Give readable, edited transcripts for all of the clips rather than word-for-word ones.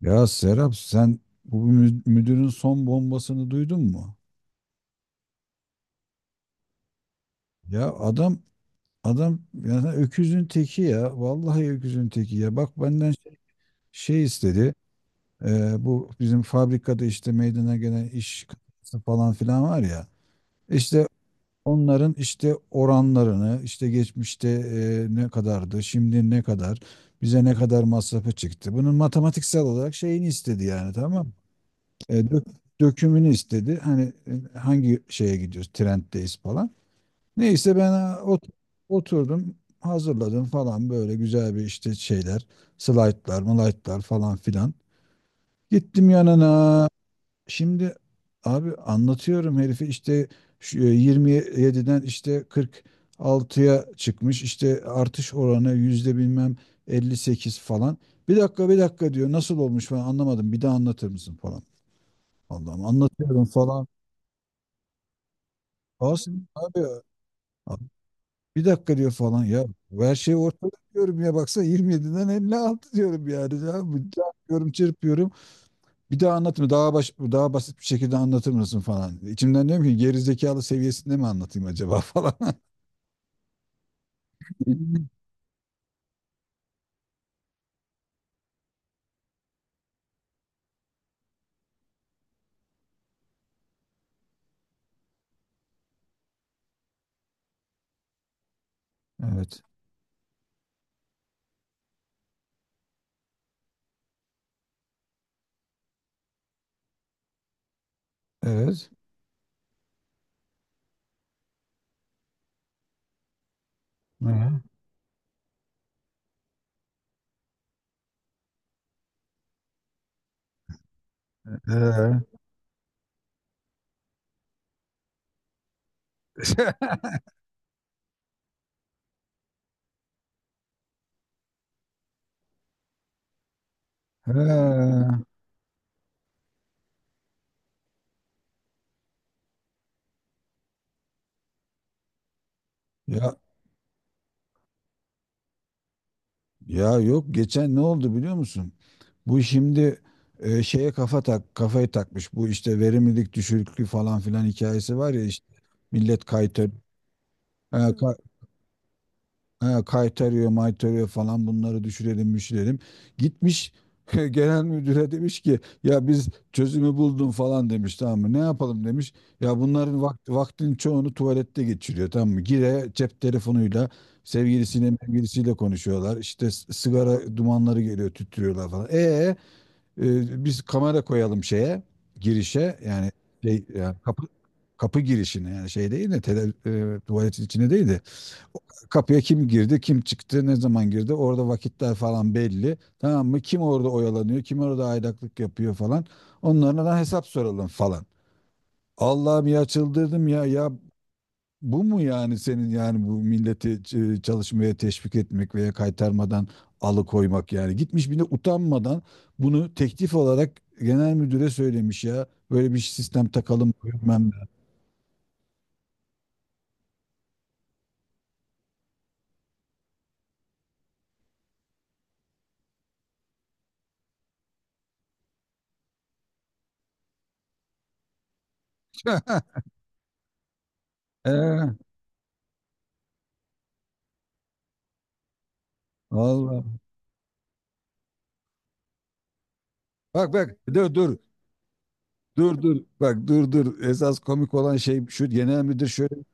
Ya Serap, sen bu müdürün son bombasını duydun mu? Ya adam yani öküzün teki ya. Vallahi öküzün teki ya. Bak, benden şey, şey istedi. Bu bizim fabrikada işte meydana gelen iş kazası falan filan var ya. İşte onların işte oranlarını, işte geçmişte ne kadardı, şimdi ne kadar, bize ne kadar masrafı çıktı. Bunun matematiksel olarak şeyini istedi yani, tamam mı? E, dök- dökümünü istedi. Hani hangi şeye gidiyoruz? Trenddeyiz falan. Neyse ben, oturdum, hazırladım falan, böyle güzel bir işte şeyler, slaytlar, malaytlar falan filan. Gittim yanına. Şimdi abi, anlatıyorum herifi işte şu, 27'den işte 46'ya çıkmış, işte artış oranı yüzde bilmem 58 falan. Bir dakika, bir dakika diyor, nasıl olmuş falan, anlamadım, bir daha anlatır mısın falan. Allah'ım, anlatıyorum falan. Kasım abi bir dakika diyor falan ya. Bu, her şey ortada diyorum ya, baksana, 27'den 56 diyorum yani. Ya, çarpıyorum, çırpıyorum. Bir daha anlatma, daha daha basit bir şekilde anlatır mısın falan. İçimden diyorum ki, gerizekalı seviyesinde mi anlatayım acaba falan. Evet. Evet. Ee, ee, ee. Ya Ya yok, geçen ne oldu biliyor musun? Bu şimdi şeye kafayı takmış. Bu işte verimlilik düşüklüğü falan filan hikayesi var ya, işte millet kaytarıyor. Ha, kaytarıyor, maytarıyor falan, bunları düşürelim, müşürelim. Gitmiş genel müdüre demiş ki, ya biz çözümü buldum falan demiş, tamam mı? Ne yapalım demiş. Ya bunların vakti, vaktin çoğunu tuvalette geçiriyor, tamam mı? Gire cep telefonuyla sevgilisiyle konuşuyorlar. İşte sigara dumanları geliyor, tüttürüyorlar falan. Biz kamera koyalım şeye, girişe yani, şey yani kapı girişine yani, şey değil de tuvaletin içine değil de kapıya, kim girdi, kim çıktı, ne zaman girdi? Orada vakitler falan belli, tamam mı? Kim orada oyalanıyor, kim orada aydaklık yapıyor falan, onlara da hesap soralım falan. Allah'ım ya, çıldırdım ya. Ya, bu mu yani senin, yani bu milleti çalışmaya teşvik etmek veya kaytarmadan alıkoymak yani? Gitmiş bir de utanmadan bunu teklif olarak genel müdüre söylemiş ya. Böyle bir sistem takalım bilmem ne. Ee, Vallahi. Bak bak, dur dur. Dur dur, bak dur dur, esas komik olan şey şu, genel müdür şöyle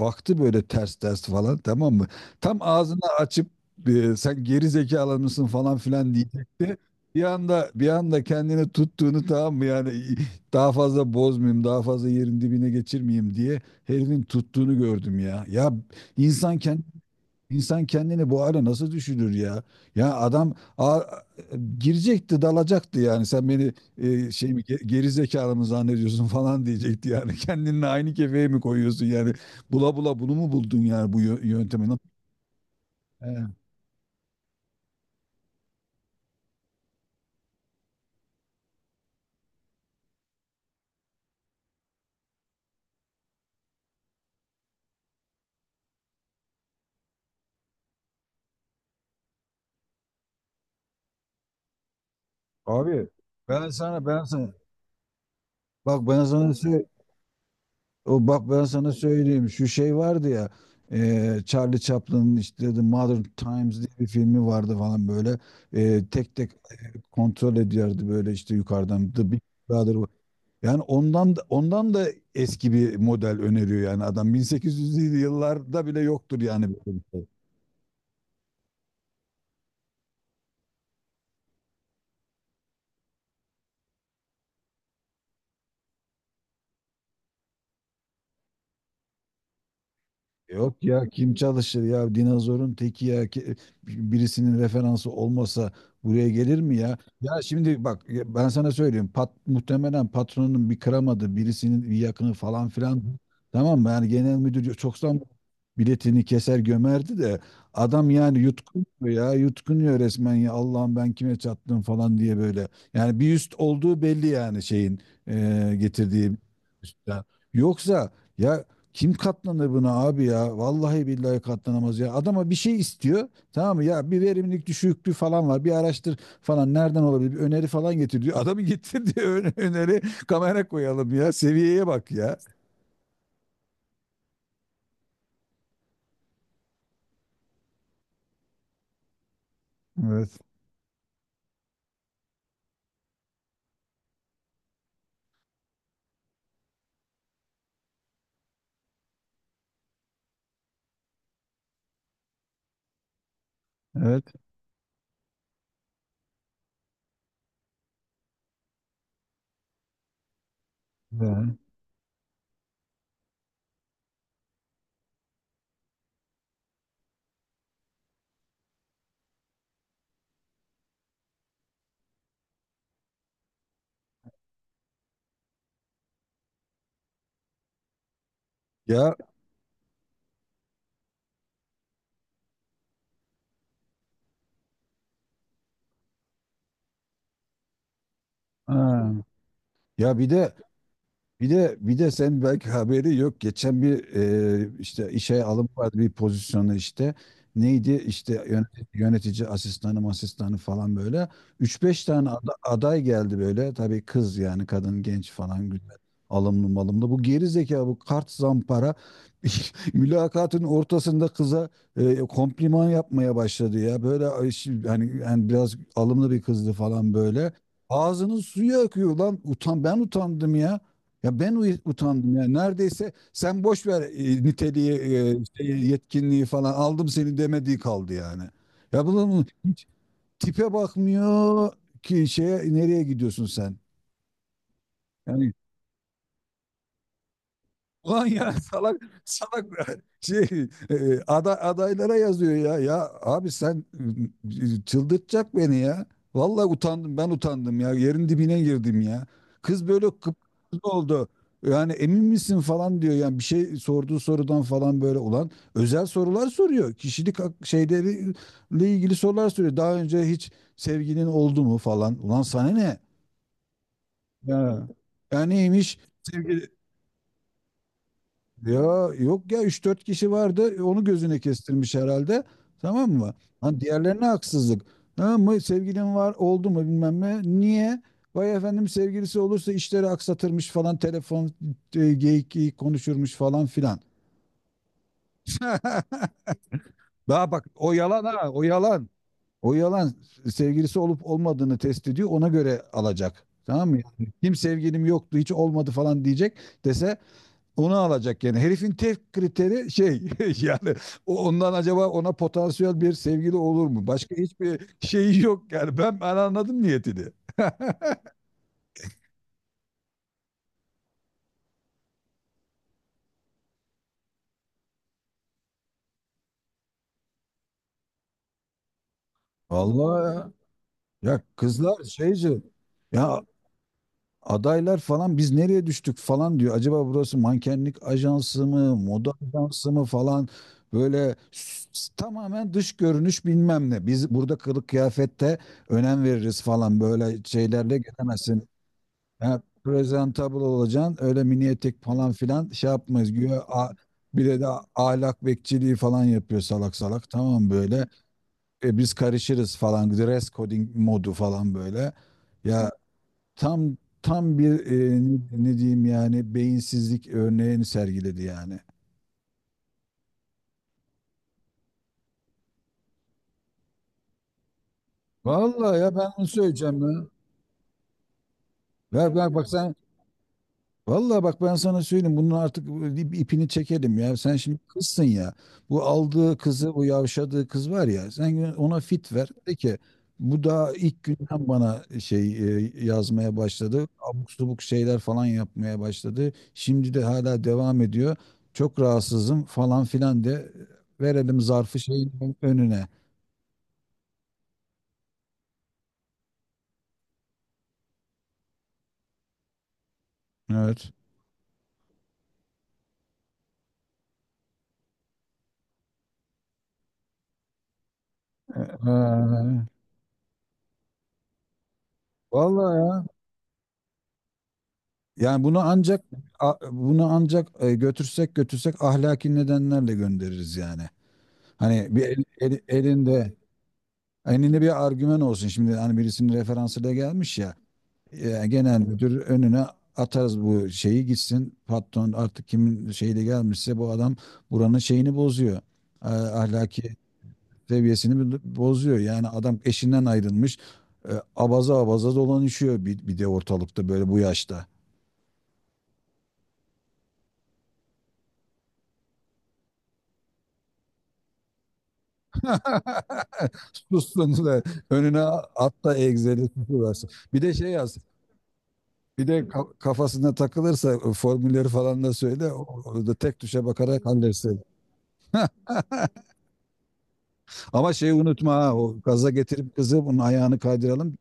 baktı böyle, ters ters falan, tamam mı? Tam ağzını açıp sen geri zekalı mısın falan filan diyecekti. Bir anda, bir anda kendini tuttuğunu, tamam mı yani, daha fazla bozmayayım, daha fazla yerin dibine geçirmeyeyim diye herifin tuttuğunu gördüm ya. Ya, insan kendi İnsan kendini bu hale nasıl düşürür ya? Ya, adam girecekti, dalacaktı yani. Sen beni şey mi, geri zekalı mı zannediyorsun falan diyecekti yani. Kendinle aynı kefeye mi koyuyorsun yani? Bula bula bunu mu buldun, yani bu yöntemi? He, abi, ben sana ben sana bak ben sana sö- o bak, ben sana söyleyeyim, şu şey vardı ya, Charlie Chaplin'in işte The Modern Times diye bir filmi vardı falan, böyle tek tek kontrol ediyordu böyle, işte yukarıdan. The Big Brother bu. Yani ondan da eski bir model öneriyor yani, adam 1800'lü yıllarda bile yoktur yani böyle bir şey. Yok ya, kim çalışır ya, dinozorun teki ya. Birisinin referansı olmasa buraya gelir mi ya? Ya şimdi bak ya, ben sana söyleyeyim, muhtemelen patronun bir kıramadı, birisinin bir yakını falan filan, tamam mı? Yani genel müdür çoktan biletini keser, gömerdi de adam yani yutkunuyor ya, yutkunuyor resmen ya, Allah'ım ben kime çattım falan diye böyle. Yani bir üst olduğu belli yani, şeyin getirdiği üstten. Yoksa ya, kim katlanır buna abi ya? Vallahi billahi katlanamaz ya. Adama bir şey istiyor, tamam mı? Ya bir verimlilik düşüklüğü falan var, bir araştır falan. Nereden olabilir? Bir öneri falan getir diyor. Adamı getir diyor. Öneri, kamera koyalım ya. Seviyeye bak ya. Evet. Evet. Ya. Ya, ha. Ya bir de bir de sen belki haberi yok. Geçen bir işte işe alım vardı, bir pozisyonu işte. Neydi işte, yönetici asistanı falan böyle. Üç beş tane aday geldi böyle. Tabii kız yani, kadın genç falan, güzel, alımlı malımlı. Bu geri zeka, bu kart zampara mülakatın ortasında kıza kompliman yapmaya başladı ya. Böyle ay, hani yani biraz alımlı bir kızdı falan böyle. Ağzının suyu akıyor lan. Utan, ben utandım ya. Ya ben utandım ya. Neredeyse sen boş ver niteliği, şeyi, yetkinliği falan, aldım seni demediği kaldı yani. Ya bunun hiç tipe bakmıyor ki şeye, nereye gidiyorsun sen? Yani, ulan ya, salak salak şey adaylara yazıyor ya. Ya abi sen, çıldırtacak beni ya. Vallahi utandım, ben utandım ya. Yerin dibine girdim ya. Kız böyle kıpkırmızı oldu. Yani emin misin falan diyor. Yani bir şey, sorduğu sorudan falan, böyle olan özel sorular soruyor. Kişilik şeyleri ile ilgili sorular soruyor. Daha önce hiç sevginin oldu mu falan. Ulan, sana ne? Ya. Ya, neymiş? Sevgili, ya yok ya, üç dört kişi vardı, onu gözüne kestirmiş herhalde, tamam mı? Hani diğerlerine haksızlık. Ha, mı sevgilin var, oldu mu, bilmem ne. Niye? Vay efendim, sevgilisi olursa işleri aksatırmış falan, telefon geyik geyik konuşurmuş falan filan. Daha bak, o yalan, ha, o yalan. O yalan, sevgilisi olup olmadığını test ediyor, ona göre alacak, tamam mı? Yani, kim sevgilim yoktu, hiç olmadı falan diyecek, dese onu alacak yani. Herifin tek kriteri şey, yani ondan acaba ona potansiyel bir sevgili olur mu? Başka hiçbir şeyi yok yani. Ben anladım niyetini. Vallahi ya. Ya kızlar şeyci ya, adaylar falan, biz nereye düştük falan diyor. Acaba burası mankenlik ajansı mı, moda ajansı mı falan, böyle tamamen dış görünüş bilmem ne. Biz burada kılık kıyafette önem veririz falan böyle, şeylerle gelemezsin. Yani presentable olacaksın. Öyle mini etek falan filan şey yapmayız. Güya bir de ahlak bekçiliği falan yapıyor salak salak. Tamam böyle. Biz karışırız falan. Dress coding modu falan böyle. Ya, tam tam bir ne diyeyim yani, beyinsizlik örneğini sergiledi yani. Vallahi ya, ben onu söyleyeceğim ya. Ver ver bak sen. Vallahi bak, ben sana söyleyeyim, bunun artık ipini çekelim ya. Sen şimdi kızsın ya. Bu aldığı kızı, bu yavşadığı kız var ya. Sen ona fit ver. De ki, bu daha ilk günden bana şey yazmaya başladı. Abuk subuk şeyler falan yapmaya başladı. Şimdi de hala devam ediyor. Çok rahatsızım falan filan de, verelim zarfı şeyin önüne. Evet. Ee, Vallahi ya. Yani bunu ancak bunu ancak götürsek ahlaki nedenlerle göndeririz yani. Hani bir elinde bir argüman olsun. Şimdi hani birisinin referansıyla gelmiş ya. Genel müdür önüne atarız bu şeyi gitsin. Patron artık kimin şeyi de gelmişse, bu adam buranın şeyini bozuyor. Ahlaki seviyesini bozuyor. Yani adam eşinden ayrılmış. Abaza abaza dolanışıyor, bir de ortalıkta böyle bu yaşta. Sussun da önüne at da egzeli tutuversin. Bir de şey yaz. Bir de kafasına takılırsa formülleri falan da söyle. O da tek tuşa bakarak halletsin. Ama şeyi unutma ha. O gaza getirip kızı bunun ayağını kaydıralım.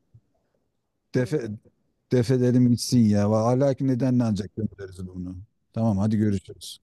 Defe, Def edelim gitsin ya. Hala ki nedenle ancak göndeririz bunu. Tamam hadi görüşürüz.